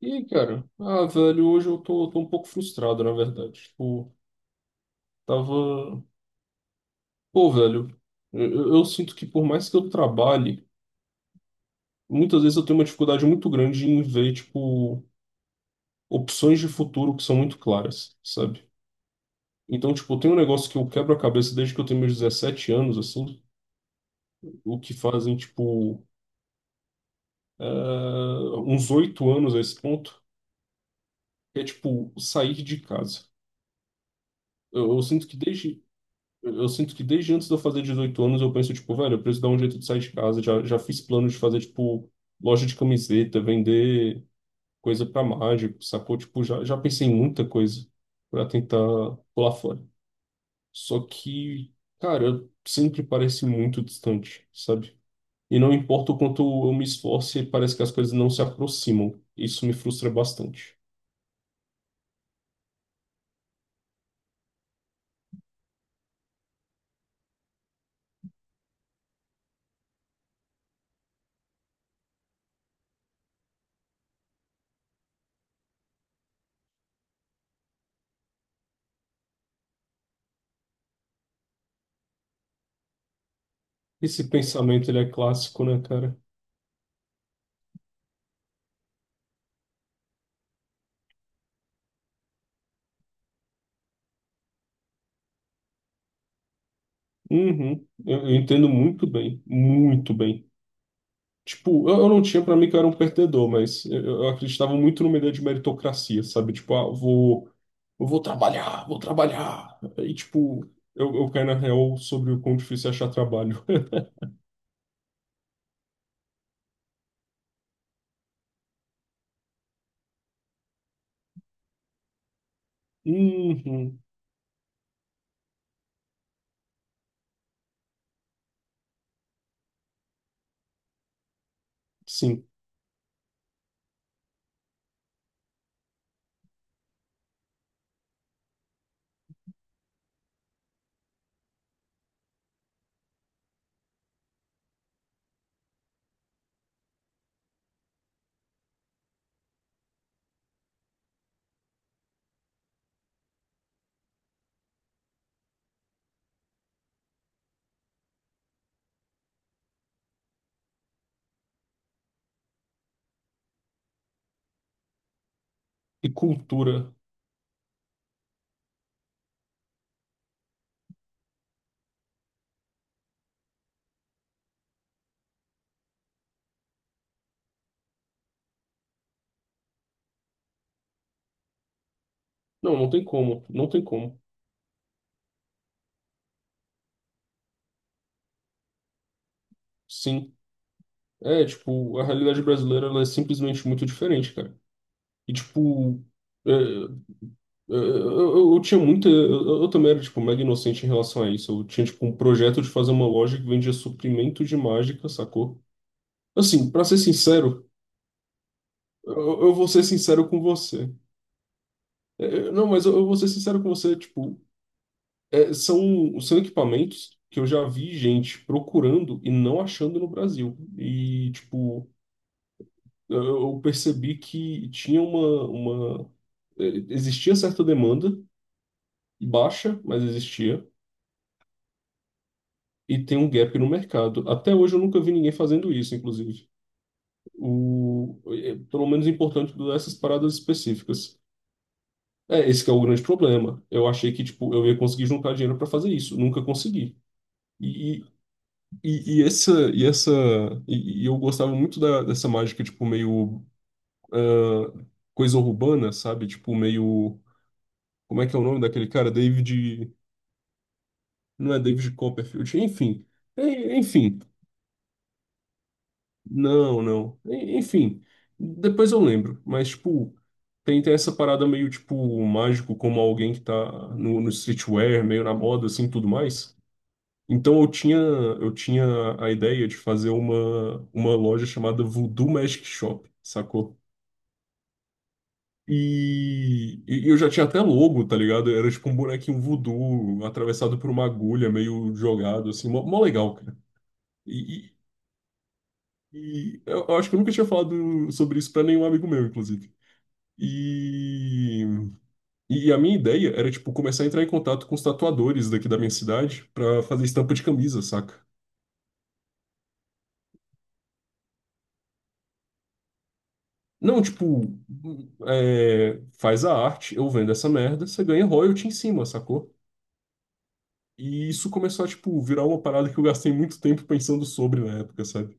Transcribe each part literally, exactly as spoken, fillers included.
E aí, cara, ah, velho, hoje eu tô, tô um pouco frustrado, na verdade. Tipo, tava. Pô, velho, eu, eu eu sinto que por mais que eu trabalhe, muitas vezes eu tenho uma dificuldade muito grande em ver, tipo, opções de futuro que são muito claras, sabe? Então, tipo, tem um negócio que eu quebro a cabeça desde que eu tenho meus dezessete anos, assim, o que fazem, tipo, eh, uns oito anos a esse ponto, que é, tipo, sair de casa. Eu, eu sinto que desde. Eu eu sinto que desde antes de eu fazer dezoito anos, eu penso, tipo, velho, eu preciso dar um jeito de sair de casa. Já, já fiz plano de fazer, tipo, loja de camiseta, vender coisa pra mágico, sacou? Tipo, já, já pensei em muita coisa pra tentar pular fora. Só que, cara, sempre parece muito distante, sabe? E não importa o quanto eu me esforce, parece que as coisas não se aproximam. Isso me frustra bastante. Esse pensamento, ele é clássico, né, cara? Uhum. Eu, eu entendo muito bem, muito bem. Tipo, eu, eu não tinha pra mim que eu era um perdedor, mas eu, eu acreditava muito numa ideia de meritocracia, sabe? Tipo, ah, eu vou, eu vou trabalhar, vou trabalhar. E, tipo, eu, eu caí na real sobre o quão difícil é achar trabalho. Uhum, sim. E cultura? Não, não tem como, não tem como. Sim. É, tipo, a realidade brasileira, ela é simplesmente muito diferente, cara. E, tipo, é, Eu, eu, eu tinha muita. Eu, eu também era, tipo, mega inocente em relação a isso. Eu tinha, tipo, um projeto de fazer uma loja que vendia suprimento de mágica, sacou? Assim, pra ser sincero, eu, eu vou ser sincero com você. É, é, não, mas eu, eu vou ser sincero com você, tipo, é, são, são equipamentos que eu já vi gente procurando e não achando no Brasil. E, tipo, eu, eu percebi que tinha uma, uma. é, Existia certa demanda, baixa, mas existia. E tem um gap no mercado. Até hoje eu nunca vi ninguém fazendo isso, inclusive. O, é, pelo menos é importante dessas paradas específicas. É, esse que é o grande problema. Eu achei que tipo, eu ia conseguir juntar dinheiro para fazer isso, nunca consegui. E, e, e essa e essa e, e eu gostava muito da, dessa mágica tipo meio, ah, coisa urbana, sabe? Tipo meio, como é que é o nome daquele cara? David, não é David Copperfield, enfim. É, enfim, não, não. En- Enfim, depois eu lembro. Mas, tipo, tem, tem essa parada meio, tipo, mágico, como alguém que tá no, no streetwear, meio na moda, assim, tudo mais. Então eu tinha, eu tinha a ideia de fazer uma, uma loja chamada Voodoo Magic Shop, sacou? E, e eu já tinha até logo, tá ligado? Era tipo um bonequinho voodoo atravessado por uma agulha, meio jogado, assim, mó, mó legal, cara. E, e- e eu eu acho que eu nunca tinha falado sobre isso pra nenhum amigo meu, inclusive. E, e a minha ideia era, tipo, começar a entrar em contato com os tatuadores daqui da minha cidade pra fazer estampa de camisa, saca? Não, tipo, é, faz a arte, eu vendo essa merda, você ganha royalty em cima, sacou? E isso começou a, tipo, virar uma parada que eu gastei muito tempo pensando sobre na época, sabe?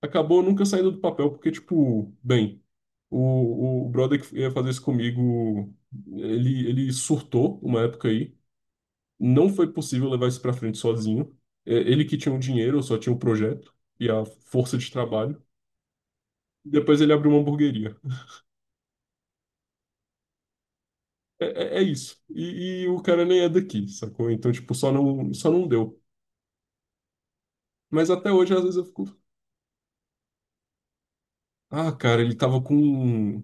Acabou nunca saindo do papel, porque, tipo, bem, o, o brother que ia fazer isso comigo, ele, ele surtou uma época aí. Não foi possível levar isso para frente sozinho. É, ele que tinha o dinheiro, eu só tinha o projeto e a força de trabalho. Depois ele abriu uma hamburgueria. É, é- é isso. E, e o cara nem é daqui, sacou? Então, tipo, só não, só não deu. Mas até hoje, às vezes, eu fico. Ah, cara, ele tava com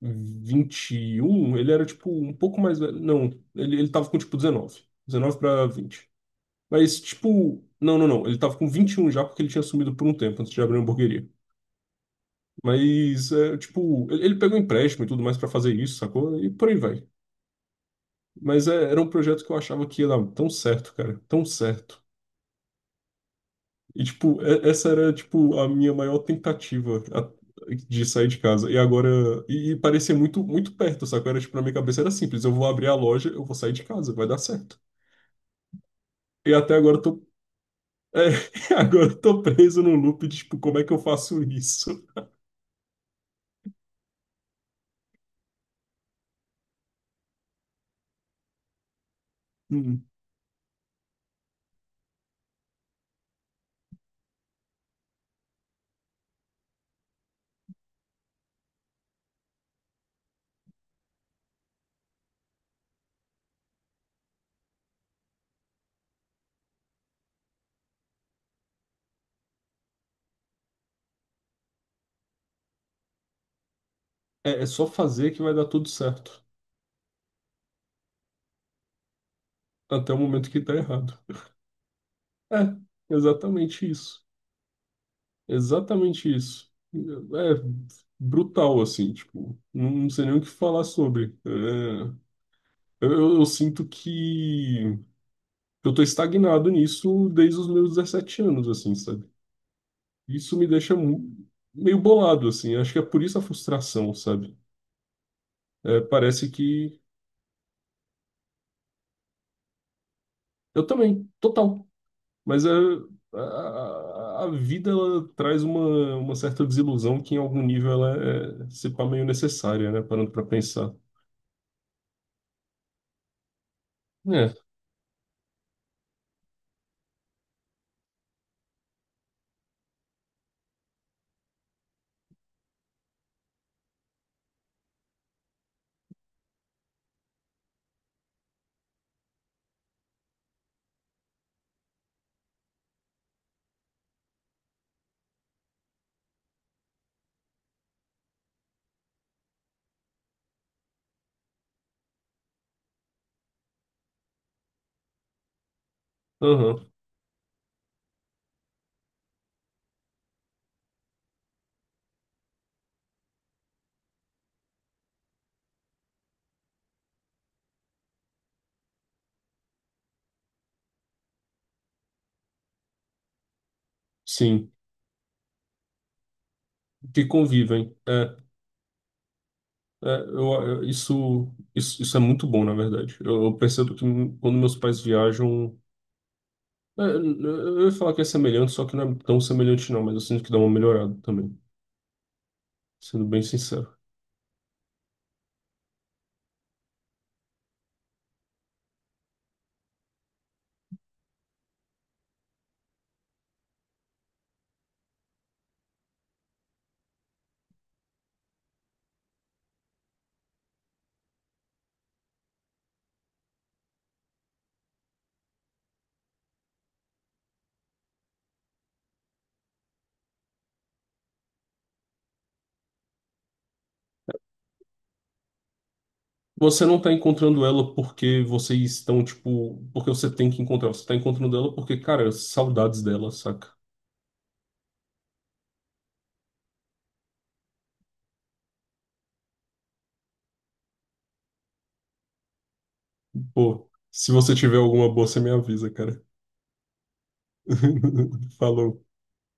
vinte e um, ele era, tipo, um pouco mais velho. Não, ele, ele tava com, tipo, dezenove dezenove pra vinte. Mas, tipo, não, não, não. Ele tava com vinte e um já porque ele tinha sumido por um tempo antes de abrir a hamburgueria. Mas, é, tipo, ele, ele pegou um empréstimo e tudo mais pra fazer isso, sacou? E por aí vai. Mas é, era um projeto que eu achava que ia dar tão certo, cara, tão certo. E, tipo, é- essa era, tipo, a minha maior tentativa a- de sair de casa. E agora, e, e parecia muito, muito perto, sacou? Era, tipo, na minha cabeça era simples, eu vou abrir a loja, eu vou sair de casa, vai dar certo. E até agora eu tô, é, agora eu tô preso no loop de, tipo, como é que eu faço isso? Hum. É é só fazer que vai dar tudo certo. Até o momento que tá errado. É, exatamente isso. Exatamente isso. É brutal, assim, tipo, não, não sei nem o que falar sobre. É, eu, eu- eu sinto que eu tô estagnado nisso desde os meus dezessete anos, assim, sabe? Isso me deixa mu- meio bolado, assim. Acho que é por isso a frustração, sabe? É, parece que eu também, total. Mas é, a, a, a vida ela traz uma, uma certa desilusão que em algum nível ela é, se pá, meio necessária, né? Parando para pensar. É, aham, sim, que convivem. É, é, eu, eu- isso, isso, isso é muito bom, na verdade. Eu, eu percebo que quando meus pais viajam, é, eu ia falar que é semelhante, só que não é tão semelhante não, mas eu sinto que dá uma melhorada também. Sendo bem sincero. Você não tá encontrando ela porque vocês estão, tipo, porque você tem que encontrar. Você tá encontrando ela porque, cara, saudades dela, saca? Pô, se você tiver alguma boa, você me avisa, cara. Falou.